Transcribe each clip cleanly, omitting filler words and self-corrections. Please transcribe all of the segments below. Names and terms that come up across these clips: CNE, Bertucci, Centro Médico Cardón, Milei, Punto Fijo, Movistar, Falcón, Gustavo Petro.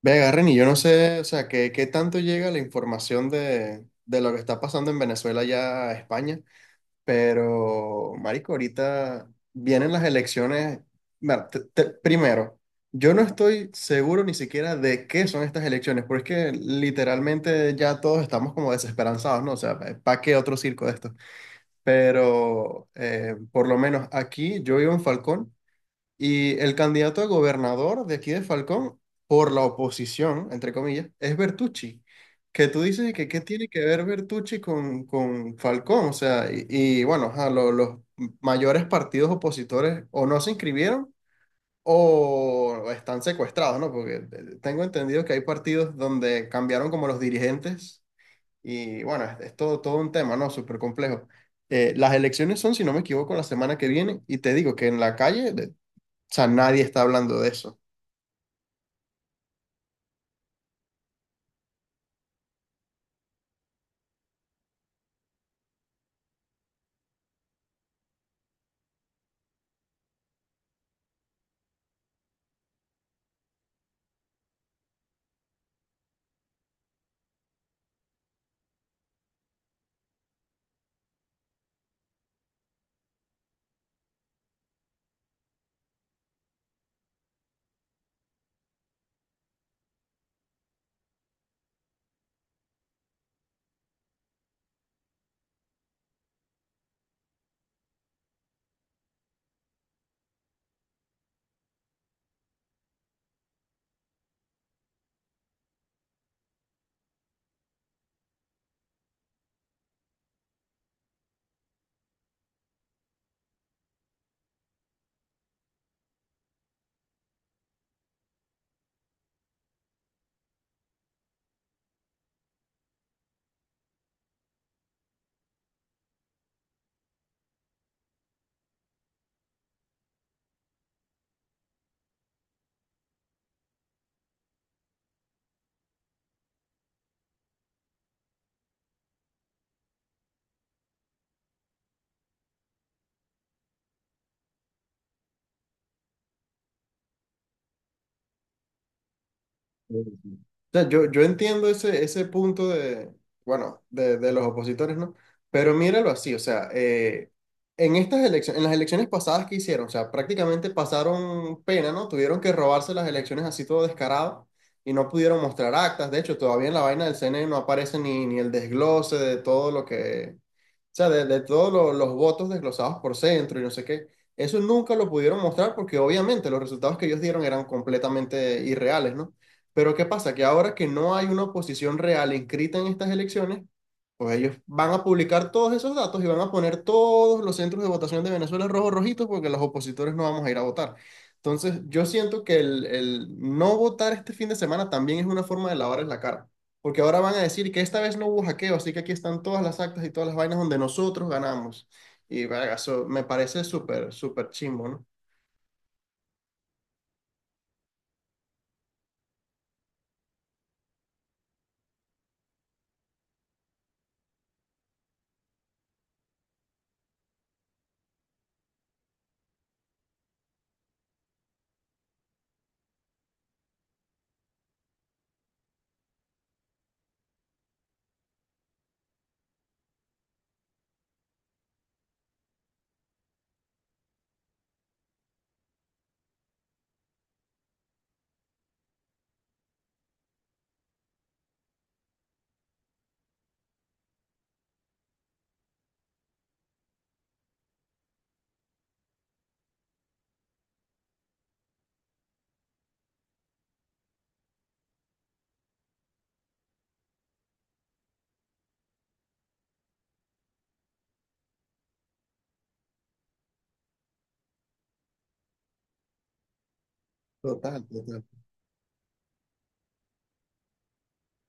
Ve, agarren y yo no sé, o sea, qué, tanto llega la información de lo que está pasando en Venezuela ya a España, pero, marico, ahorita vienen las elecciones. Bueno, primero, yo no estoy seguro ni siquiera de qué son estas elecciones, porque es que literalmente ya todos estamos como desesperanzados, ¿no? O sea, ¿para qué otro circo de esto? Pero, por lo menos aquí, yo vivo en Falcón. Y el candidato a gobernador de aquí de Falcón, por la oposición, entre comillas, es Bertucci. Que tú dices que qué tiene que ver Bertucci con Falcón. O sea, y bueno, ajá, los mayores partidos opositores o no se inscribieron o están secuestrados, ¿no? Porque tengo entendido que hay partidos donde cambiaron como los dirigentes y bueno, es todo, todo un tema, ¿no? Súper complejo. Las elecciones son, si no me equivoco, la semana que viene y te digo que en la calle, o sea, nadie está hablando de eso. O sea, yo entiendo ese, ese punto de, bueno, de los opositores, ¿no? Pero míralo así, o sea, en estas elecciones, en las elecciones pasadas que hicieron, o sea, prácticamente pasaron pena, ¿no? Tuvieron que robarse las elecciones así todo descarado y no pudieron mostrar actas. De hecho, todavía en la vaina del CNE no aparece ni, ni el desglose de todo lo que... O sea, de todos los votos desglosados por centro y no sé qué. Eso nunca lo pudieron mostrar porque obviamente los resultados que ellos dieron eran completamente irreales, ¿no? Pero ¿qué pasa? Que ahora que no hay una oposición real inscrita en estas elecciones, pues ellos van a publicar todos esos datos y van a poner todos los centros de votación de Venezuela rojos rojitos porque los opositores no vamos a ir a votar. Entonces, yo siento que el no votar este fin de semana también es una forma de lavarles la cara. Porque ahora van a decir que esta vez no hubo hackeo, así que aquí están todas las actas y todas las vainas donde nosotros ganamos. Y verga, eso me parece súper, súper chimbo, ¿no? Total, total.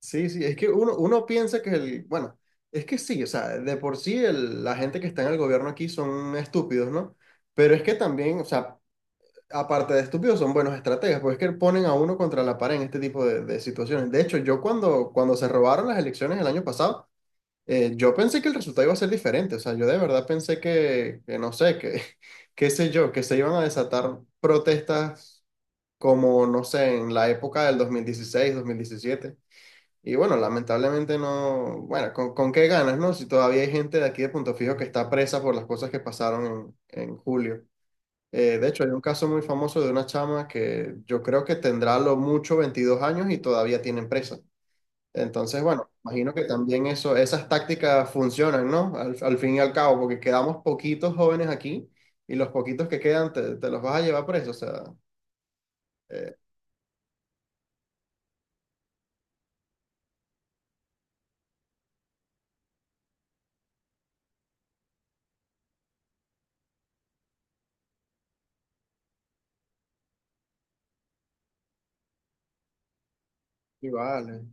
Sí, sí, es que uno, uno piensa que el, bueno, es que sí, o sea, de por sí la gente que está en el gobierno aquí son estúpidos, ¿no? Pero es que también, o sea, aparte de estúpidos, son buenos estrategas, pues es que ponen a uno contra la pared en este tipo de situaciones. De hecho, yo cuando se robaron las elecciones el año pasado, yo pensé que el resultado iba a ser diferente, o sea, yo de verdad pensé que no sé, que qué sé yo, que se iban a desatar protestas como, no sé, en la época del 2016, 2017. Y bueno, lamentablemente no, bueno, con qué ganas, no? Si todavía hay gente de aquí de Punto Fijo que está presa por las cosas que pasaron en julio. De hecho, hay un caso muy famoso de una chama que yo creo que tendrá a lo mucho 22 años y todavía tiene presa. Entonces, bueno, imagino que también eso, esas tácticas funcionan, ¿no? Al, al fin y al cabo, porque quedamos poquitos jóvenes aquí y los poquitos que quedan te, te los vas a llevar preso, o sea, eh, y vale,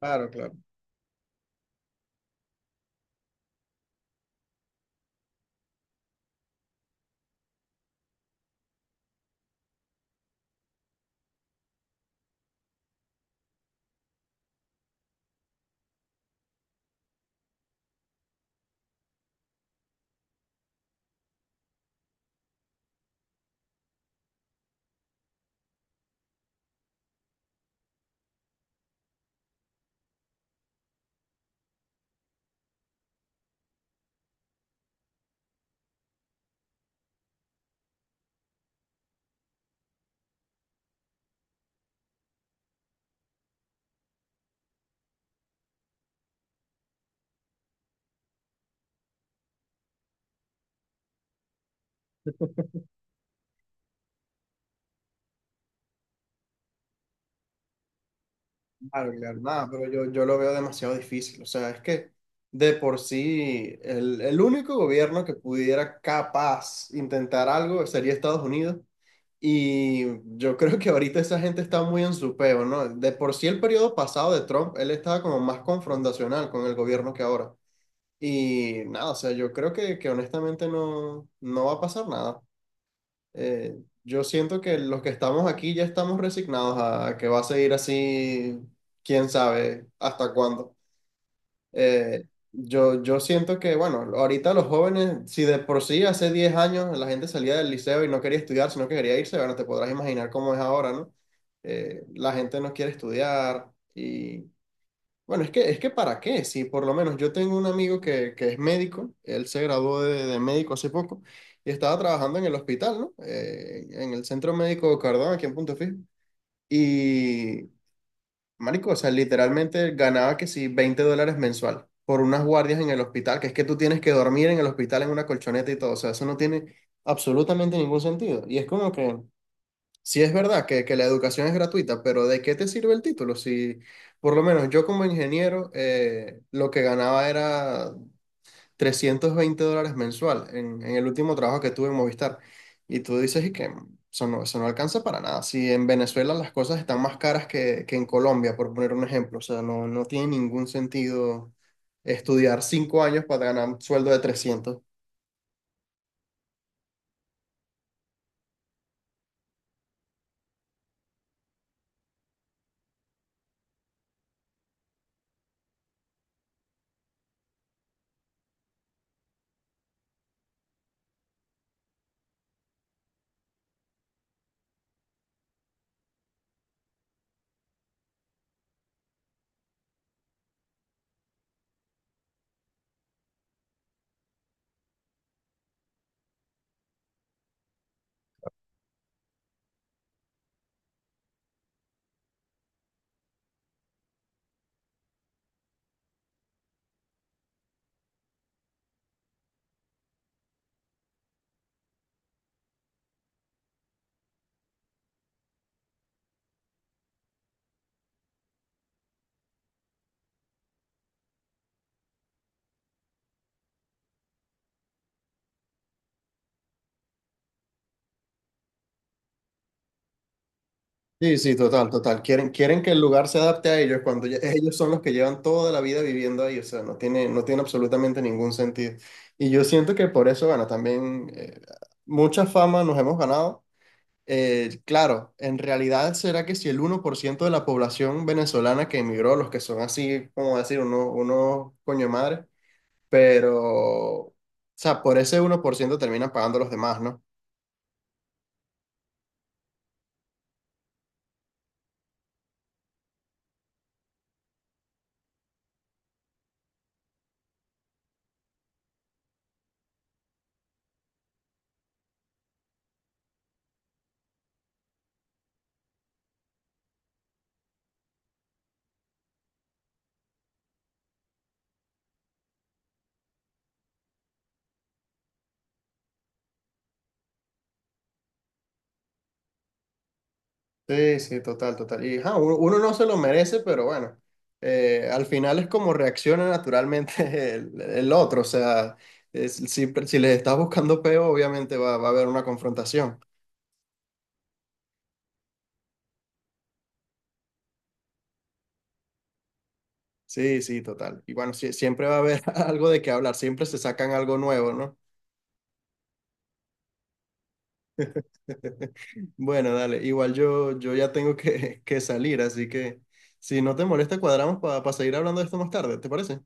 claro, claro, claro, claro, nada, pero yo lo veo demasiado difícil, o sea, es que de por sí el único gobierno que pudiera capaz intentar algo sería Estados Unidos. Y yo creo que ahorita esa gente está muy en su peo, ¿no? De por sí el periodo pasado de Trump, él estaba como más confrontacional con el gobierno que ahora. Y nada, o sea, yo creo que honestamente no, no va a pasar nada. Eh, yo siento que los que estamos aquí ya estamos resignados a que va a seguir así, quién sabe hasta cuándo. Eh, yo, yo siento que, bueno, ahorita los jóvenes, si de por sí hace 10 años la gente salía del liceo y no quería estudiar, sino que quería irse, bueno, te podrás imaginar cómo es ahora, ¿no? La gente no quiere estudiar y, bueno, es que ¿para qué? Si por lo menos yo tengo un amigo que es médico, él se graduó de médico hace poco y estaba trabajando en el hospital, ¿no? En el Centro Médico Cardón, aquí en Punto Fijo. Y marico, o sea, literalmente ganaba que sí, $20 mensual por unas guardias en el hospital, que es que tú tienes que dormir en el hospital en una colchoneta y todo, o sea, eso no tiene absolutamente ningún sentido. Y es como que, sí es verdad que la educación es gratuita, pero ¿de qué te sirve el título? Si, por lo menos yo como ingeniero, lo que ganaba era $320 mensual en el último trabajo que tuve en Movistar. Y tú dices y que eso no alcanza para nada. Si en Venezuela las cosas están más caras que en Colombia, por poner un ejemplo, o sea, no, no tiene ningún sentido estudiar 5 años para ganar un sueldo de 300. Sí, sí, total, total. Quieren, quieren que el lugar se adapte a ellos cuando ellos son los que llevan toda la vida viviendo ahí. O sea, no tiene, no tiene absolutamente ningún sentido. Y yo siento que por eso, bueno, también mucha fama nos hemos ganado. Claro, en realidad será que si el 1% de la población venezolana que emigró, los que son así, como decir, uno, uno coño de madre, pero, o sea, por ese 1% terminan pagando los demás, ¿no? Sí, sí, total, total. Y ajá, uno, uno no se lo merece, pero bueno, al final es como reacciona naturalmente el otro, o sea, si, si les estás buscando peo, obviamente va, va a haber una confrontación. Sí, sí, total. Y bueno, sí, siempre va a haber algo de qué hablar, siempre se sacan algo nuevo, ¿no? Bueno, dale, igual yo, yo ya tengo que salir, así que si no te molesta, cuadramos para seguir hablando de esto más tarde, ¿te parece?